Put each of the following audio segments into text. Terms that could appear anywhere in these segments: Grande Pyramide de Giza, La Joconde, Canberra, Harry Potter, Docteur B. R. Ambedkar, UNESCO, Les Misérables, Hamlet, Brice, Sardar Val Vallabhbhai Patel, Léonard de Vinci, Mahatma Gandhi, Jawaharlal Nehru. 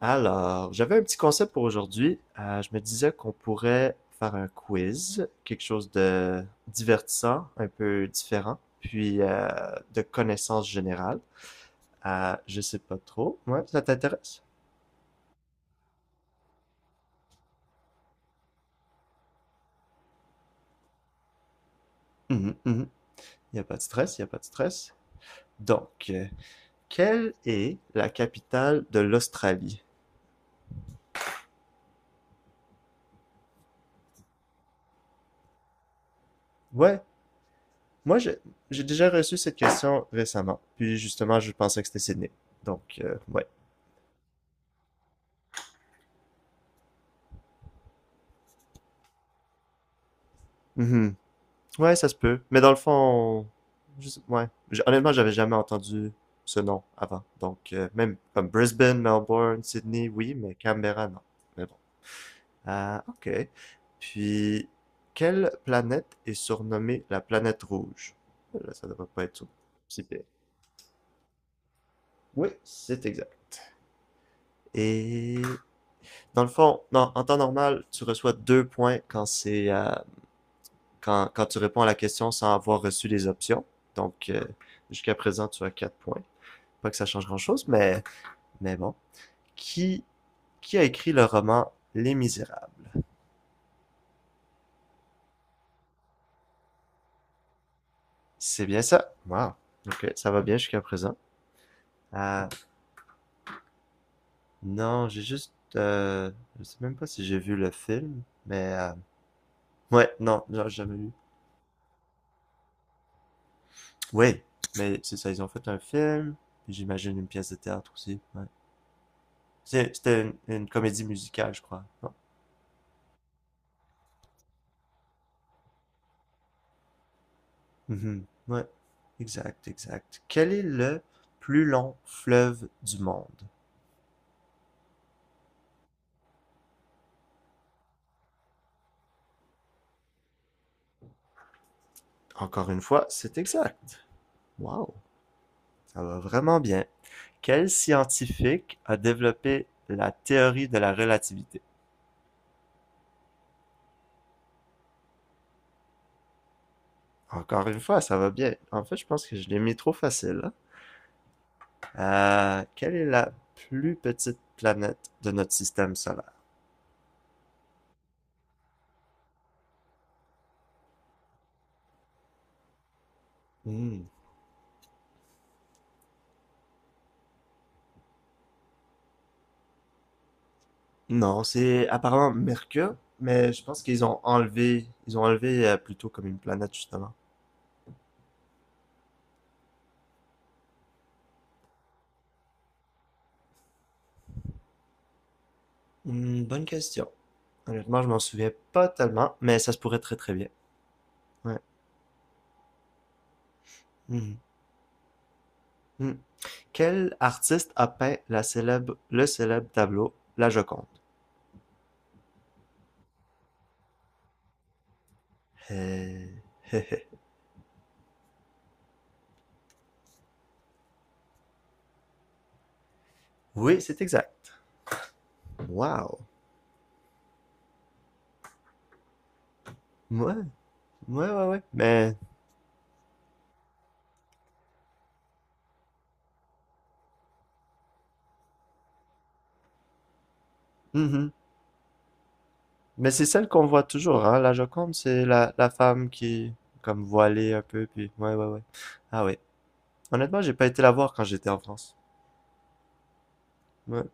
Alors, j'avais un petit concept pour aujourd'hui. Je me disais qu'on pourrait faire un quiz, quelque chose de divertissant, un peu différent, puis de connaissances générales. Je sais pas trop. Ouais, ça t'intéresse? Mhm, mhm. Il n'y a pas de stress, il n'y a pas de stress. Donc, quelle est la capitale de l'Australie? Ouais, moi j'ai déjà reçu cette question récemment, puis justement je pensais que c'était Sydney. Donc, ouais. Mhm. Ouais, ça se peut. Mais dans le fond, ouais. Honnêtement, j'avais jamais entendu ce nom avant. Donc, même comme Brisbane, Melbourne, Sydney, oui, mais Canberra, non. Mais bon. Ah, ok. Puis, quelle planète est surnommée la planète rouge? Oh là, ça devrait pas être si pire. Oui, c'est exact. Et dans le fond, non, en temps normal, tu reçois 2 points quand c'est quand, quand tu réponds à la question sans avoir reçu les options. Donc, jusqu'à présent, tu as 4 points. Pas que ça change grand-chose, mais bon. Qui, qui a écrit le roman Les Misérables? C'est bien ça. Wow. Ok, ça va bien jusqu'à présent. Ah, non, j'ai juste... Je sais même pas si j'ai vu le film, mais ouais, non, j'ai jamais vu. Oui, mais c'est ça, ils ont fait un film, j'imagine une pièce de théâtre aussi. Ouais. C'était une comédie musicale, je crois. Non? Mhm. Ouais, exact, exact. Quel est le plus long fleuve du monde? Encore une fois, c'est exact. Wow. Ça va vraiment bien. Quel scientifique a développé la théorie de la relativité? Encore une fois, ça va bien. En fait, je pense que je l'ai mis trop facile, hein. Quelle est la plus petite planète de notre système solaire? Hmm. Non, c'est apparemment Mercure, mais je pense qu'ils ont enlevé plutôt comme une planète, justement. Hmm, bonne question. Honnêtement, je m'en souviens pas tellement, mais ça se pourrait très très bien. Ouais. Hmm. Hmm. Quel artiste a peint la célèbre le célèbre tableau La Joconde? Euh, Oui, c'est exact. Wow! Ouais, ouais, ouais, ouais. Mais, mhm. Mais c'est celle qu'on voit toujours, hein? La Joconde, c'est la femme qui, comme voilée un peu, puis ouais, ouais, ouais. Ah ouais. Honnêtement, j'ai pas été la voir quand j'étais en France. Ouais.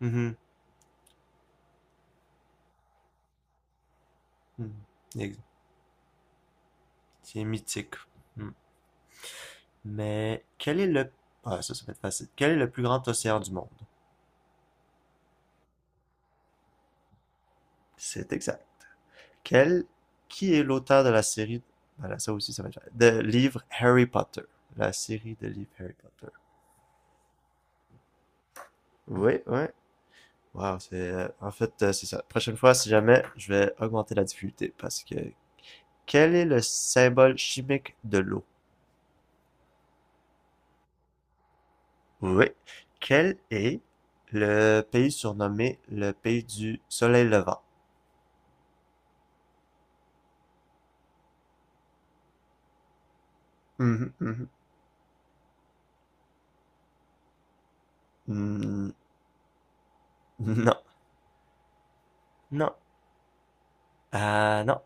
Mhm. Mhm. Ex- C'est mythique. Mm. Mais quel est le... Ah, ça va être facile. Quel est le plus grand océan du monde? C'est exact. Quel, qui est l'auteur de la série voilà, ça aussi, ça va être... de livres Harry Potter. La série de livres Harry Potter. Oui, oui. Wow, en fait, c'est ça. Prochaine fois, si jamais, je vais augmenter la difficulté parce que... Quel est le symbole chimique de l'eau? Oui. Quel est le pays surnommé le pays du soleil levant? Mhm, mhm. Mm, non, non. Non.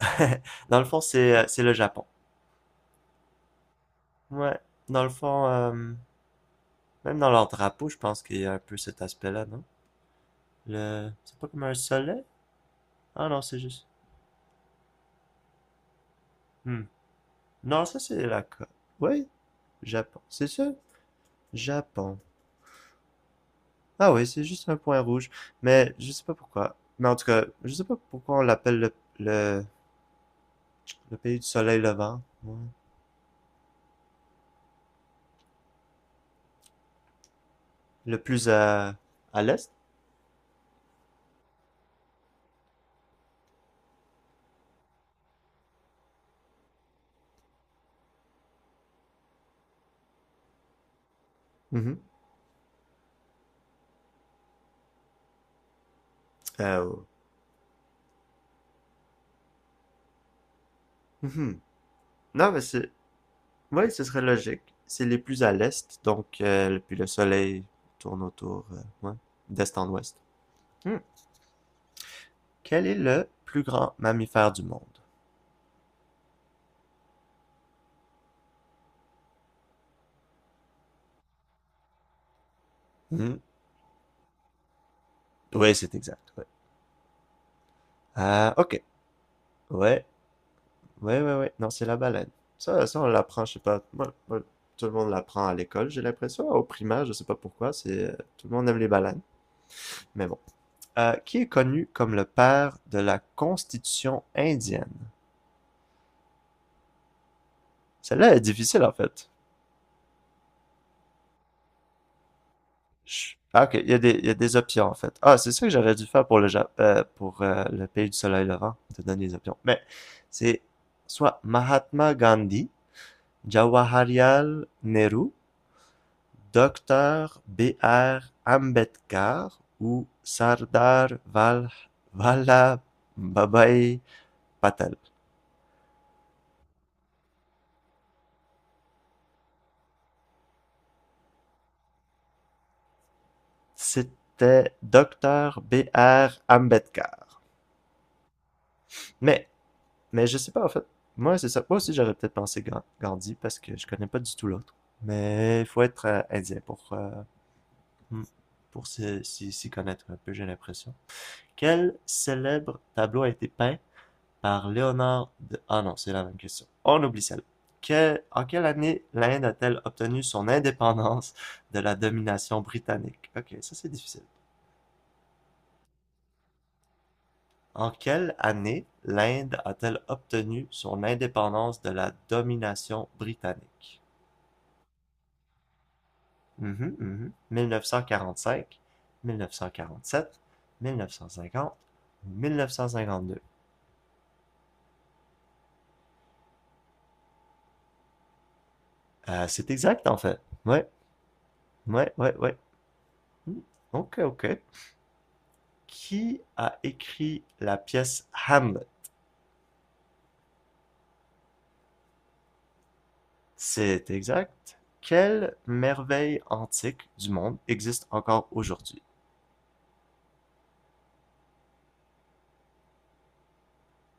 Dans le fond, c'est le Japon. Ouais. Dans le fond, même dans leur drapeau, je pense qu'il y a un peu cet aspect-là, non? Le... C'est pas comme un soleil? Ah non, c'est juste... Hmm. Non, ça c'est la... Oui, Japon. C'est ça? Japon. Ah oui, c'est juste un point rouge. Mais je sais pas pourquoi. Mais en tout cas, je sais pas pourquoi on l'appelle le pays du soleil levant. Ouais. Le plus à l'est? Mhm. Euh, au- mhm. Non, mais c'est... Oui, ce serait logique. C'est les plus à l'est, donc puis le soleil tourne autour, ouais, d'est en ouest. Hmm. Quel est le plus grand mammifère du monde? Hmm. Oui, c'est exact, ouais. Ah, ok. Ouais, ouais, ouais, ouais. Non, c'est la baleine. Ça, on l'apprend, je sais pas. Moi, moi, tout le monde l'apprend à l'école, j'ai l'impression. Au primaire, je sais pas pourquoi. C'est tout le monde aime les baleines. Mais bon. Qui est connu comme le père de la Constitution indienne? Celle-là est difficile en fait. Ah, ok, il y a des options en fait. Ah, c'est ça que j'aurais dû faire pour le pays du soleil levant, te donner les options. Mais c'est soit Mahatma Gandhi, Jawaharlal Nehru, Docteur B. R. Ambedkar ou Sardar Val Vallabhbhai Patel. C'était Docteur B. R. Ambedkar. Mais Mais je sais pas, en fait. Moi, c'est ça. Moi aussi, j'aurais peut-être pensé Gandhi parce que je connais pas du tout l'autre. Mais il faut être indien pour, hmm, pour s'y connaître un peu, j'ai l'impression. Quel célèbre tableau a été peint par Léonard de... Ah non, c'est la même question. On oublie celle. Que... En quelle année l'Inde a-t-elle obtenu son indépendance de la domination britannique? Ok, ça c'est difficile. En quelle année l'Inde a-t-elle obtenu son indépendance de la domination britannique? Mille neuf cent cinquante, mille neuf cent quarante quarante cinq sept Mhm, mhm. 1945, 1947, 1950, 1952. C'est exact en fait. Ouais, ouais, ouais, ouais. Hmm, ok, ok. Qui a écrit la pièce Hamlet? C'est exact. Quelle merveille antique du monde existe encore aujourd'hui?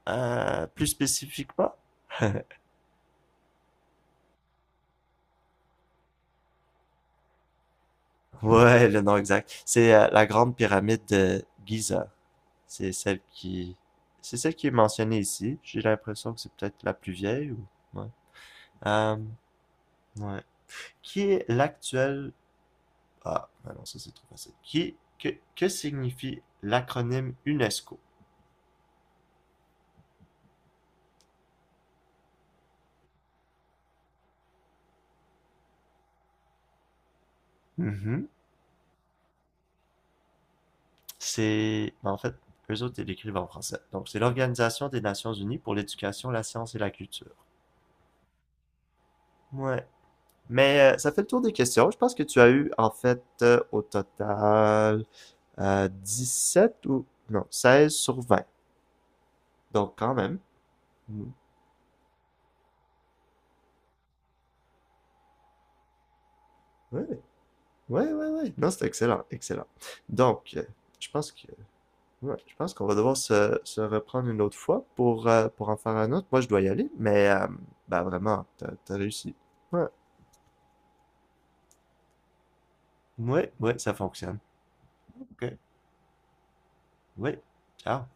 Plus spécifiquement? Ouais, le nom exact. C'est la Grande Pyramide de Giza. C'est celle qui... C'est celle qui est mentionnée ici. J'ai l'impression que c'est peut-être la plus vieille ou... Ouais. Euh, ouais. Qui est l'actuel... Ah, bah non, ça c'est trop facile. Qui... Que signifie l'acronyme UNESCO? Mhm. En fait, eux autres, ils l'écrivent en français. Donc, c'est l'Organisation des Nations Unies pour l'éducation, la science et la culture. Ouais. Mais ça fait le tour des questions. Je pense que tu as eu, en fait, au total, sept ou... Non, 16 sur 20. Donc, quand même. Mm. Ouais, ouais, ouais, ouais. Non, c'est excellent, excellent. Donc, je pense que, ouais, je pense qu'on va devoir se reprendre une autre fois pour en faire un autre. Moi, je dois y aller, mais bah, vraiment, t'as réussi. Ouais, ouais, ouais, ça fonctionne. Ok, ouais, ciao.